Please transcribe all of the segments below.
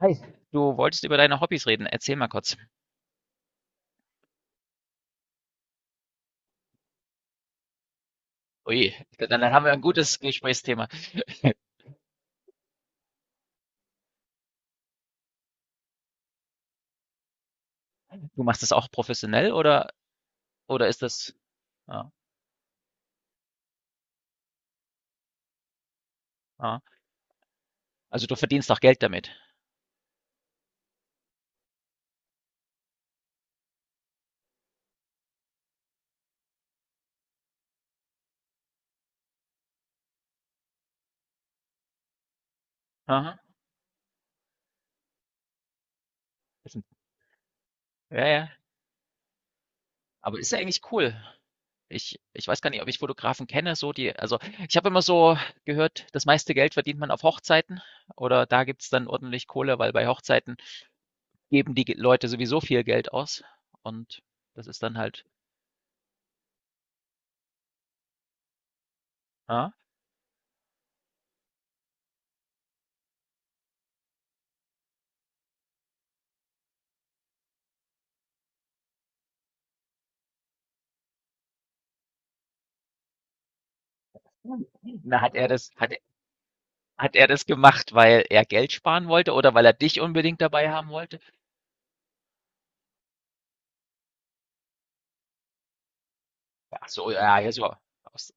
Hi. Du wolltest über deine Hobbys reden. Erzähl mal kurz. Ui, dann haben wir ein gutes Gesprächsthema. Du machst das auch professionell oder ist das, ja, ja. Also du verdienst auch Geld damit. Aha. Ist ein- Ja, ja. Aber ist ja eigentlich cool. Ich weiß gar nicht, ob ich Fotografen kenne, so die, also ich habe immer so gehört, das meiste Geld verdient man auf Hochzeiten oder da gibt es dann ordentlich Kohle, weil bei Hochzeiten geben die Leute sowieso viel Geld aus und das ist dann halt, ja. Na, hat er das gemacht, weil er Geld sparen wollte oder weil er dich unbedingt dabei haben wollte? Ach so, ja, ja, ja, so aus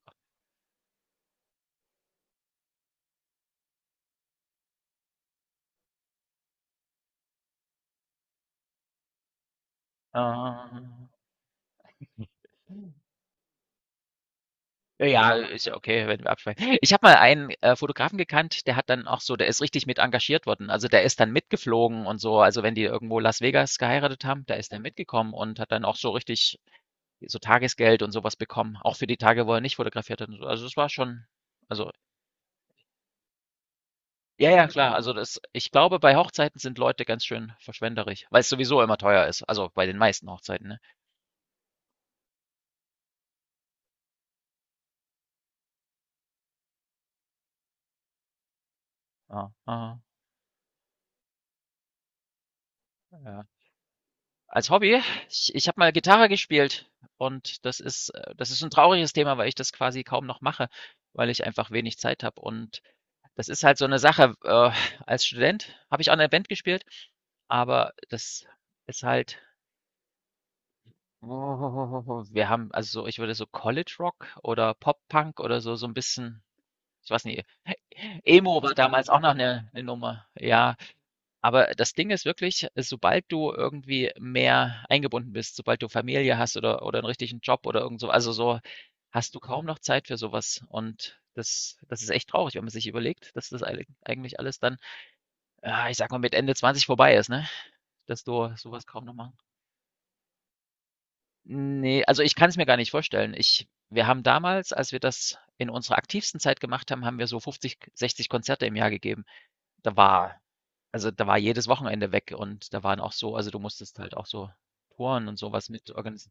ähm, ja, ja, ist ja okay, wenn wir abschweifen. Ich habe mal einen Fotografen gekannt, der hat dann auch so der ist richtig mit engagiert worden. Also, der ist dann mitgeflogen und so. Also, wenn die irgendwo Las Vegas geheiratet haben, da ist er mitgekommen und hat dann auch so richtig so Tagesgeld und sowas bekommen, auch für die Tage, wo er nicht fotografiert hat und so. Also, das war schon also, ja, ja, klar. Also das ich glaube, bei Hochzeiten sind Leute ganz schön verschwenderisch, weil es sowieso immer teuer ist, also bei den meisten Hochzeiten, ne? Ja, aha, ja. Als Hobby, ich habe mal Gitarre gespielt und das ist ein trauriges Thema, weil ich das quasi kaum noch mache, weil ich einfach wenig Zeit habe und das ist halt so eine Sache, als Student habe ich auch in 'ner Band gespielt, aber das ist halt wir haben also so ich würde so College Rock oder Pop Punk oder so so ein bisschen ich weiß nicht, Emo war damals auch noch eine 'ne Nummer, ja. Aber das Ding ist wirklich, sobald du irgendwie mehr eingebunden bist, sobald du Familie hast oder einen richtigen Job oder irgend so also, so hast du kaum noch Zeit für sowas. Und das ist echt traurig, wenn man sich überlegt, dass das eilig eigentlich alles dann, ja, ich sag mal, mit Ende 20 vorbei ist, ne? Dass du sowas kaum noch machen. Ne, also, ich kann es mir gar nicht vorstellen. Ich wir haben damals, als wir das in unserer aktivsten Zeit gemacht haben, haben wir so 50, 60 Konzerte im Jahr gegeben. Da war also, da war jedes Wochenende weg und da waren auch so also, du musstest halt auch so Touren und sowas was mit organis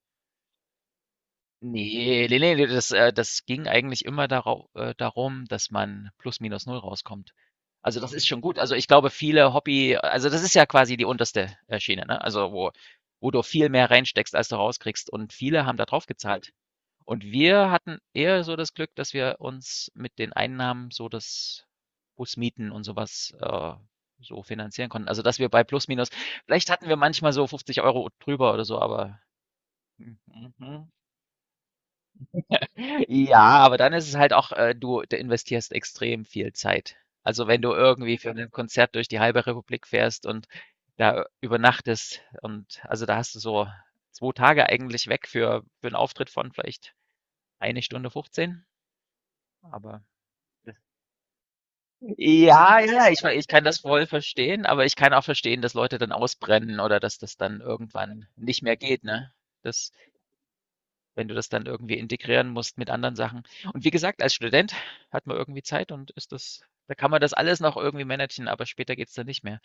nee ne, ne, das ging eigentlich immer darau darum, dass man plus minus null rauskommt. Also, das ist schon gut. Also, ich glaube, viele Hobby also, das ist ja quasi die unterste Schiene, ne? Also, wo du viel mehr reinsteckst, als du rauskriegst und viele haben da drauf gezahlt und wir hatten eher so das Glück, dass wir uns mit den Einnahmen so das Busmieten und sowas äh, so finanzieren konnten. Also, dass wir bei plus minus vielleicht hatten wir manchmal so 50 € drüber oder so, aber hm, mhm. Ja, aber dann ist es halt auch, du investierst extrem viel Zeit. Also, wenn du irgendwie für ein Konzert durch die halbe Republik fährst und da übernachtest und also, da hast du so 2 Tage eigentlich weg für 'n Auftritt von vielleicht eine Stunde 15, aber ja, ja, ja, ich kann das voll verstehen, aber ich kann auch verstehen, dass Leute dann ausbrennen oder dass das dann irgendwann nicht mehr geht, ne? Das, wenn du das dann irgendwie integrieren musst mit anderen Sachen. Und wie gesagt, als Student hat man irgendwie Zeit und ist das, da kann man das alles noch irgendwie managen, aber später geht's dann nicht mehr.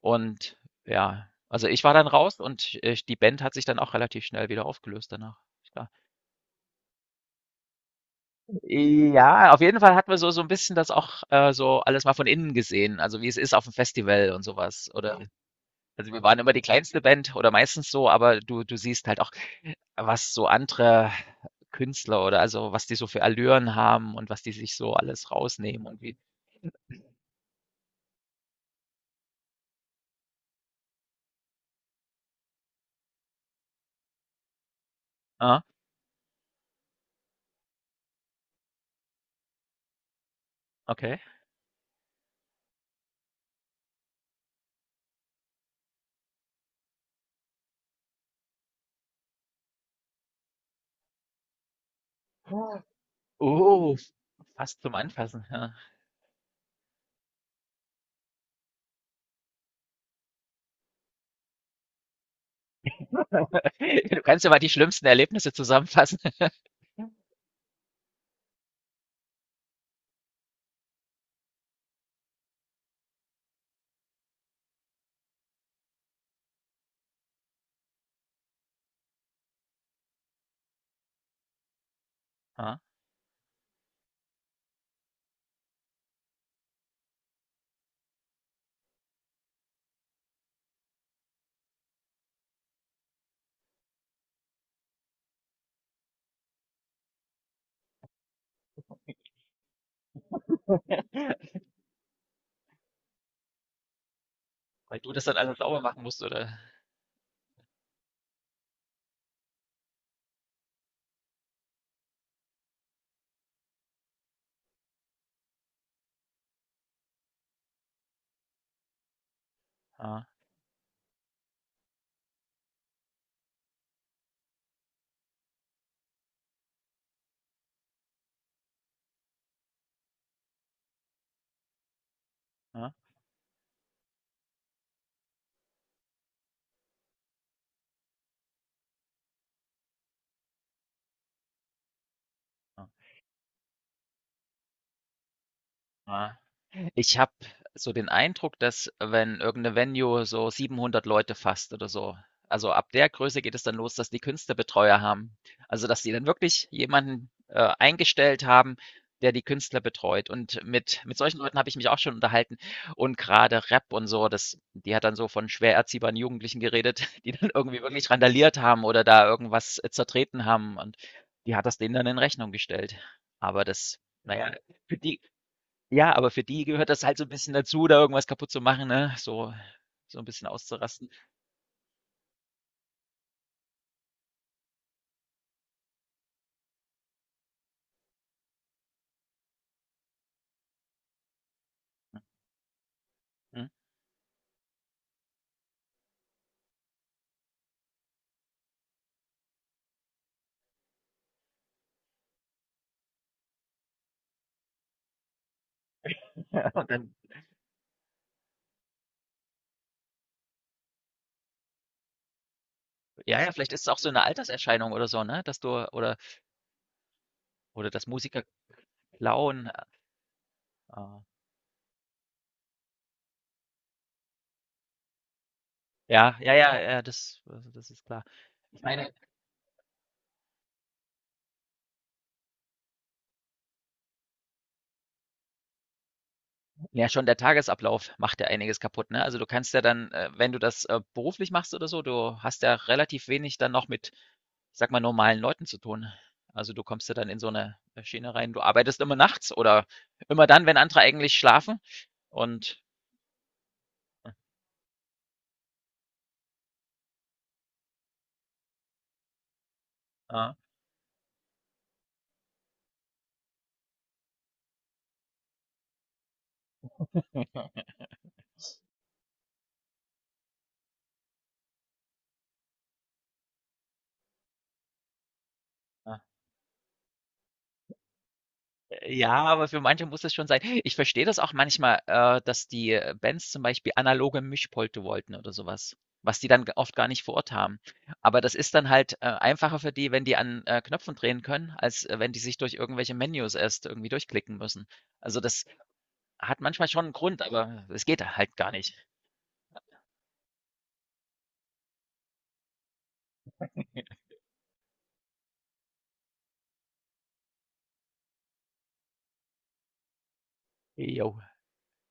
Und ja, also ich war dann raus und die Band hat sich dann auch relativ schnell wieder aufgelöst danach. Klar. Ja, auf jeden Fall hat man so, so ein bisschen das auch so alles mal von innen gesehen, also wie es ist auf dem Festival und sowas, oder? Also wir waren immer die kleinste Band oder meistens so, aber du siehst halt auch, was so andere Künstler oder also, was die so für Allüren haben und was die sich so alles rausnehmen und wie ah, okay. Oh, fast zum Anfassen, ja. Du kannst ja mal die schlimmsten Erlebnisse zusammenfassen. Ah. Weil du das dann alles sauber machen musst oder? Ah, ah, ah, ah. Ich habe so den Eindruck, dass wenn irgend 'ne Venue so 700 Leute fasst oder so also ab der Größe geht es dann los, dass die Künstlerbetreuer haben. Also, dass die dann wirklich jemanden eingestellt haben, der die Künstler betreut. Und mit solchen Leuten habe ich mich auch schon unterhalten und gerade Rap und so, das die hat dann so von schwer erziehbaren Jugendlichen geredet, die dann irgendwie wirklich randaliert haben oder da irgendwas zertreten haben und die hat das denen dann in Rechnung gestellt. Aber das naja, für die ja, aber für die gehört das halt so ein bisschen dazu, da irgendwas kaputt zu machen, ne? So so ein bisschen auszurasten, mhm. Ja. Und dann ja, ja, vielleicht ist es auch so eine Alterserscheinung oder so, ne, dass du oder dass Musiker klauen, äh, ja, ja, ja, ja, das also, das ist klar. Ich meine ja, schon der Tagesablauf macht ja einiges kaputt, ne? Also, du kannst ja dann, wenn du das beruflich machst oder so, du hast ja relativ wenig dann noch mit, ich sage mal, normalen Leuten zu tun. Also, du kommst ja dann in so eine Schiene rein. Du arbeitest immer nachts oder immer dann, wenn andere eigentlich schlafen und, äh Ja, aber für manche muss es schon sein. Ich verstehe das auch manchmal, dass die Bands zum Beispiel analoge Mischpulte wollten oder sowas, was, die dann g oft gar nicht vor Ort haben. Aber das ist dann halt einfacher für die, wenn die an Knöpfen drehen können, als wenn die sich durch irgendwelche Menüs erst irgendwie durchklicken müssen. Also, das hat manchmal schon einen Grund, aber es geht halt gar nicht. Jo.